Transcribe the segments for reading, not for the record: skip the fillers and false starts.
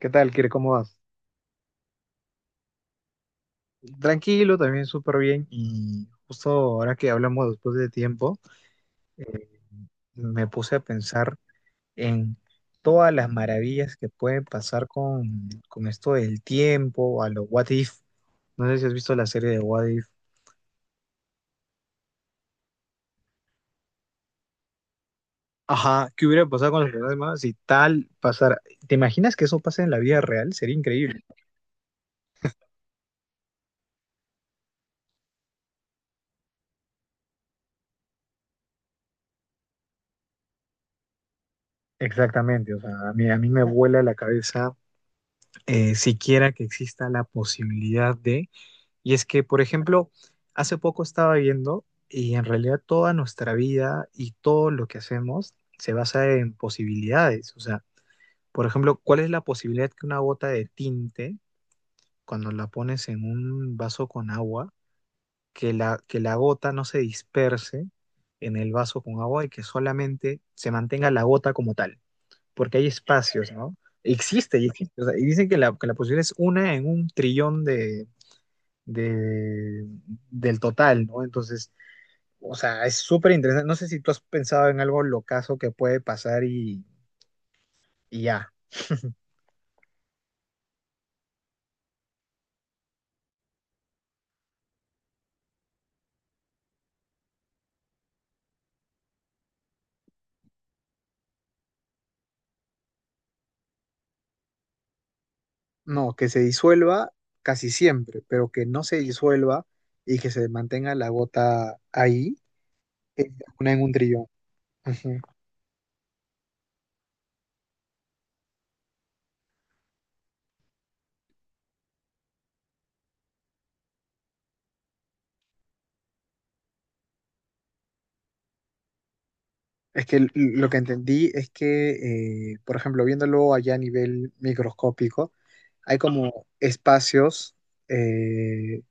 ¿Qué tal, Kire? ¿Cómo vas? Tranquilo, también súper bien. Y justo ahora que hablamos después de tiempo, eh, me puse a pensar en todas las maravillas que pueden pasar con esto del tiempo, a lo what if. No sé si has visto la serie de what if. Ajá, ¿qué hubiera pasado con los problemas si tal pasara? ¿Te imaginas que eso pase en la vida real? Sería increíble. Exactamente, o sea, a mí me vuela la cabeza siquiera que exista la posibilidad de. Y es que, por ejemplo, hace poco estaba viendo y en realidad toda nuestra vida y todo lo que hacemos se basa en posibilidades. O sea, por ejemplo, ¿cuál es la posibilidad que una gota de tinte, cuando la pones en un vaso con agua, que la gota no se disperse en el vaso con agua y que solamente se mantenga la gota como tal? Porque hay espacios, ¿no? Existe y existe. O sea, y dicen que que la posibilidad es una en un trillón de, del total, ¿no? Entonces, o sea, es súper interesante. No sé si tú has pensado en algo locazo que puede pasar y ya. No, que se disuelva casi siempre, pero que no se disuelva y que se mantenga la gota ahí, eh, una en un trillón. Ujú. Es que lo que entendí es que, por ejemplo, viéndolo allá a nivel microscópico, hay como espacios, eh,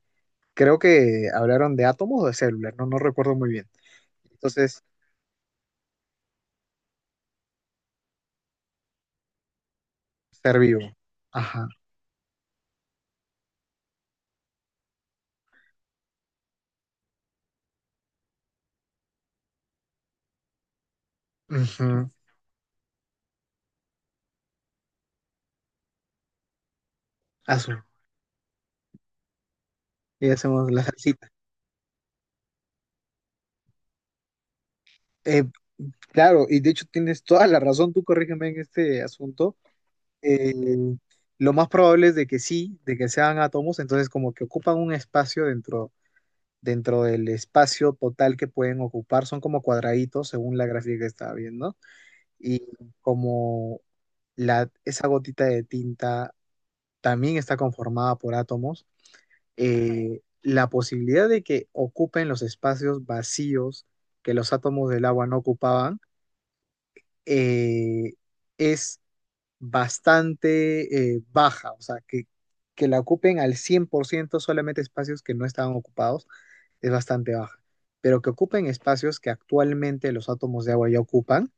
creo que hablaron de átomos o de células, no, no recuerdo muy bien. Entonces, estar vivo. Ajá. Ujú. Asu. Y hacemos la salsita. Eh, claro, y de hecho tienes toda la razón, tú corrígeme en este asunto. Eh, lo más probable es de que sí, de que sean átomos, entonces como que ocupan un espacio dentro, dentro del espacio total que pueden ocupar, son como cuadraditos según la gráfica que estaba viendo, y como esa gotita de tinta también está conformada por átomos, la posibilidad de que ocupen los espacios vacíos que los átomos del agua no ocupaban eh, es bastante baja, o sea, que la ocupen al 100% solamente espacios que no estaban ocupados es bastante baja, pero que ocupen espacios que actualmente los átomos de agua ya ocupan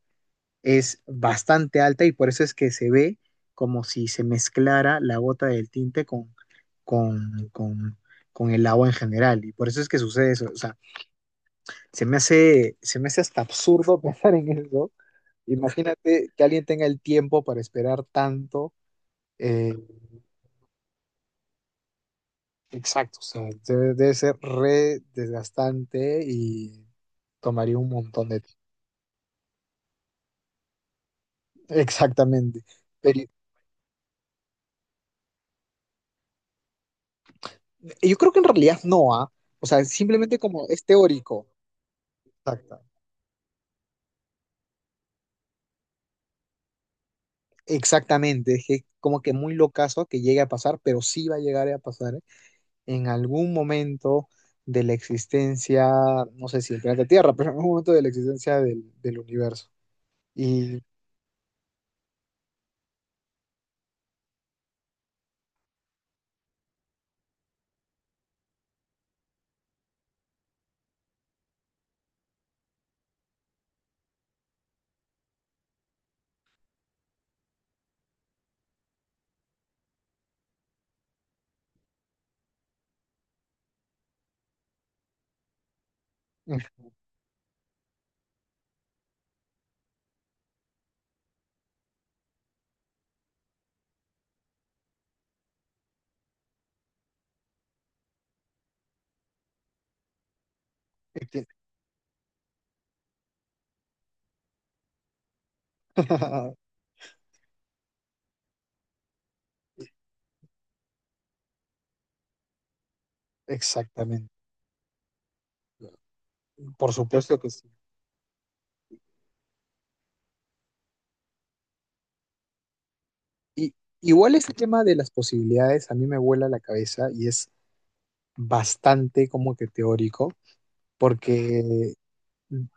es bastante alta y por eso es que se ve como si se mezclara la gota del tinte con, con, con el agua en general. Y por eso es que sucede eso. O sea, se me hace hasta absurdo pensar en eso. Imagínate que alguien tenga el tiempo para esperar tanto. eh, exacto, o sea, debe ser re desgastante y tomaría un montón de tiempo. Exactamente. Pero yo creo que en realidad no, ¿ah? O sea, simplemente como es teórico. Exacto. Exactamente, es que como que muy locazo que llegue a pasar, pero sí va a llegar a pasar en algún momento de la existencia, no sé si del planeta Tierra, pero en algún momento de la existencia del universo. Y exactamente, por supuesto que sí. Y igual este tema de las posibilidades a mí me vuela la cabeza y es bastante como que teórico, porque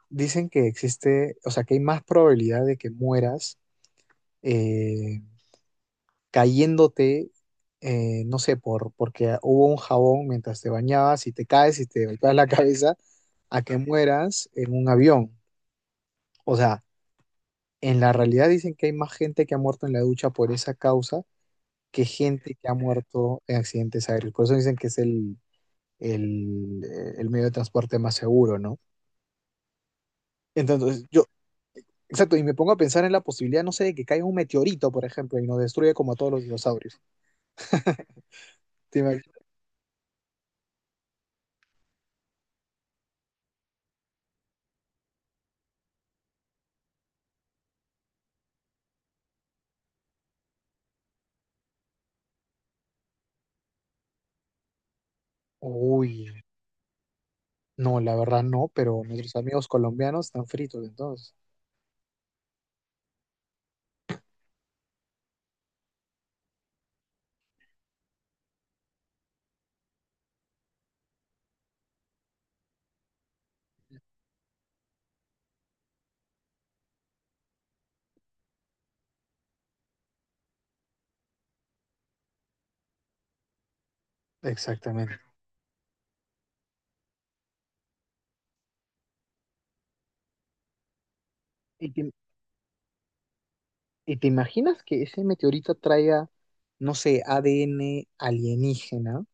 dicen que existe, o sea, que hay más probabilidad de que mueras eh, cayéndote, no sé, porque hubo un jabón mientras te bañabas y te caes y te golpeas la cabeza, a que mueras en un avión. O sea, en la realidad dicen que hay más gente que ha muerto en la ducha por esa causa que gente que ha muerto en accidentes aéreos. Por eso dicen que es el medio de transporte más seguro, ¿no? Entonces, yo, exacto, y me pongo a pensar en la posibilidad, no sé, de que caiga un meteorito, por ejemplo, y nos destruya como a todos los dinosaurios. ¿Te imag- Uy, no, la verdad no, pero nuestros amigos colombianos están fritos entonces. Exactamente. ¿Y y te imaginas que ese meteorito traiga, no sé, ADN alienígena?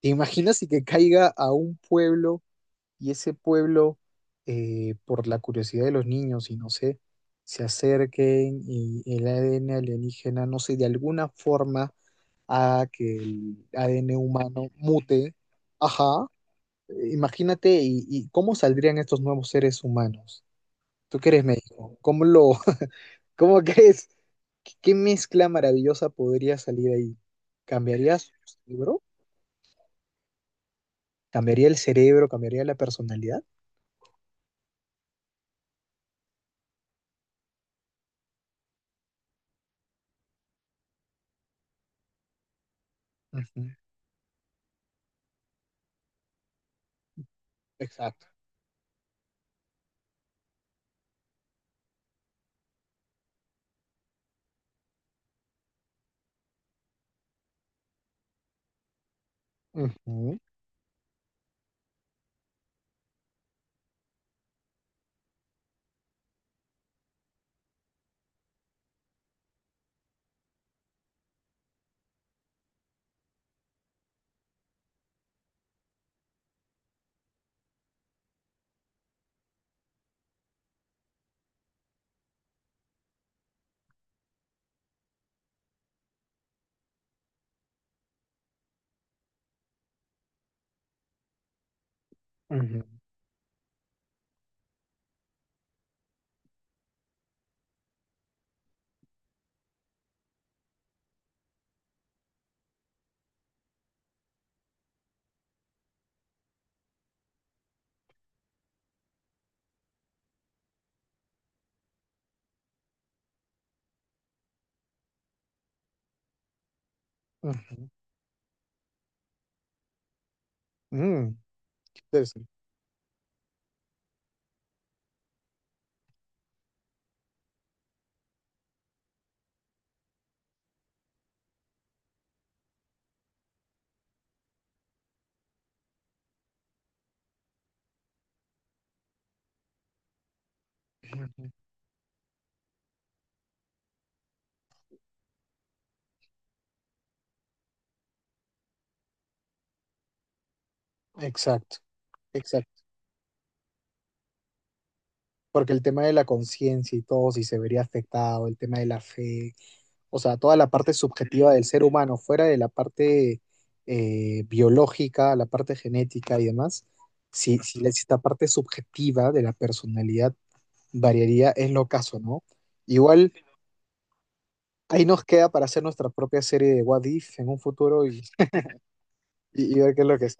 ¿Te imaginas si que caiga a un pueblo y ese pueblo, por la curiosidad de los niños y no sé, se acerquen y el ADN alienígena, no sé, de alguna forma haga que el ADN humano mute? Ajá. Imagínate, y cómo saldrían estos nuevos seres humanos. Tú que eres médico, ¿cómo crees? ¿Qué, qué mezcla maravillosa podría salir ahí? ¿Cambiaría su cerebro? ¿Cambiaría el cerebro? ¿Cambiaría la personalidad? Ujú, exacto. Ujú, ujú, ujú. Mm, interesante. Ujú. Exacto, exacto, porque el tema de la conciencia y todo, si se vería afectado, el tema de la fe, o sea, toda la parte subjetiva del ser humano, fuera de la parte biológica, la parte genética y demás, si, si esta parte subjetiva de la personalidad variaría, es lo caso, ¿no? Igual ahí nos queda para hacer nuestra propia serie de What If en un futuro y, y ver qué es lo que es.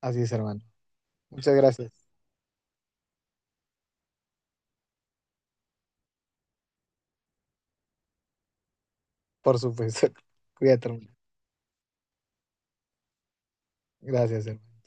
Así es, hermano. Muchas gracias, por supuesto. Cuídate, hermano. Gracias, hermano.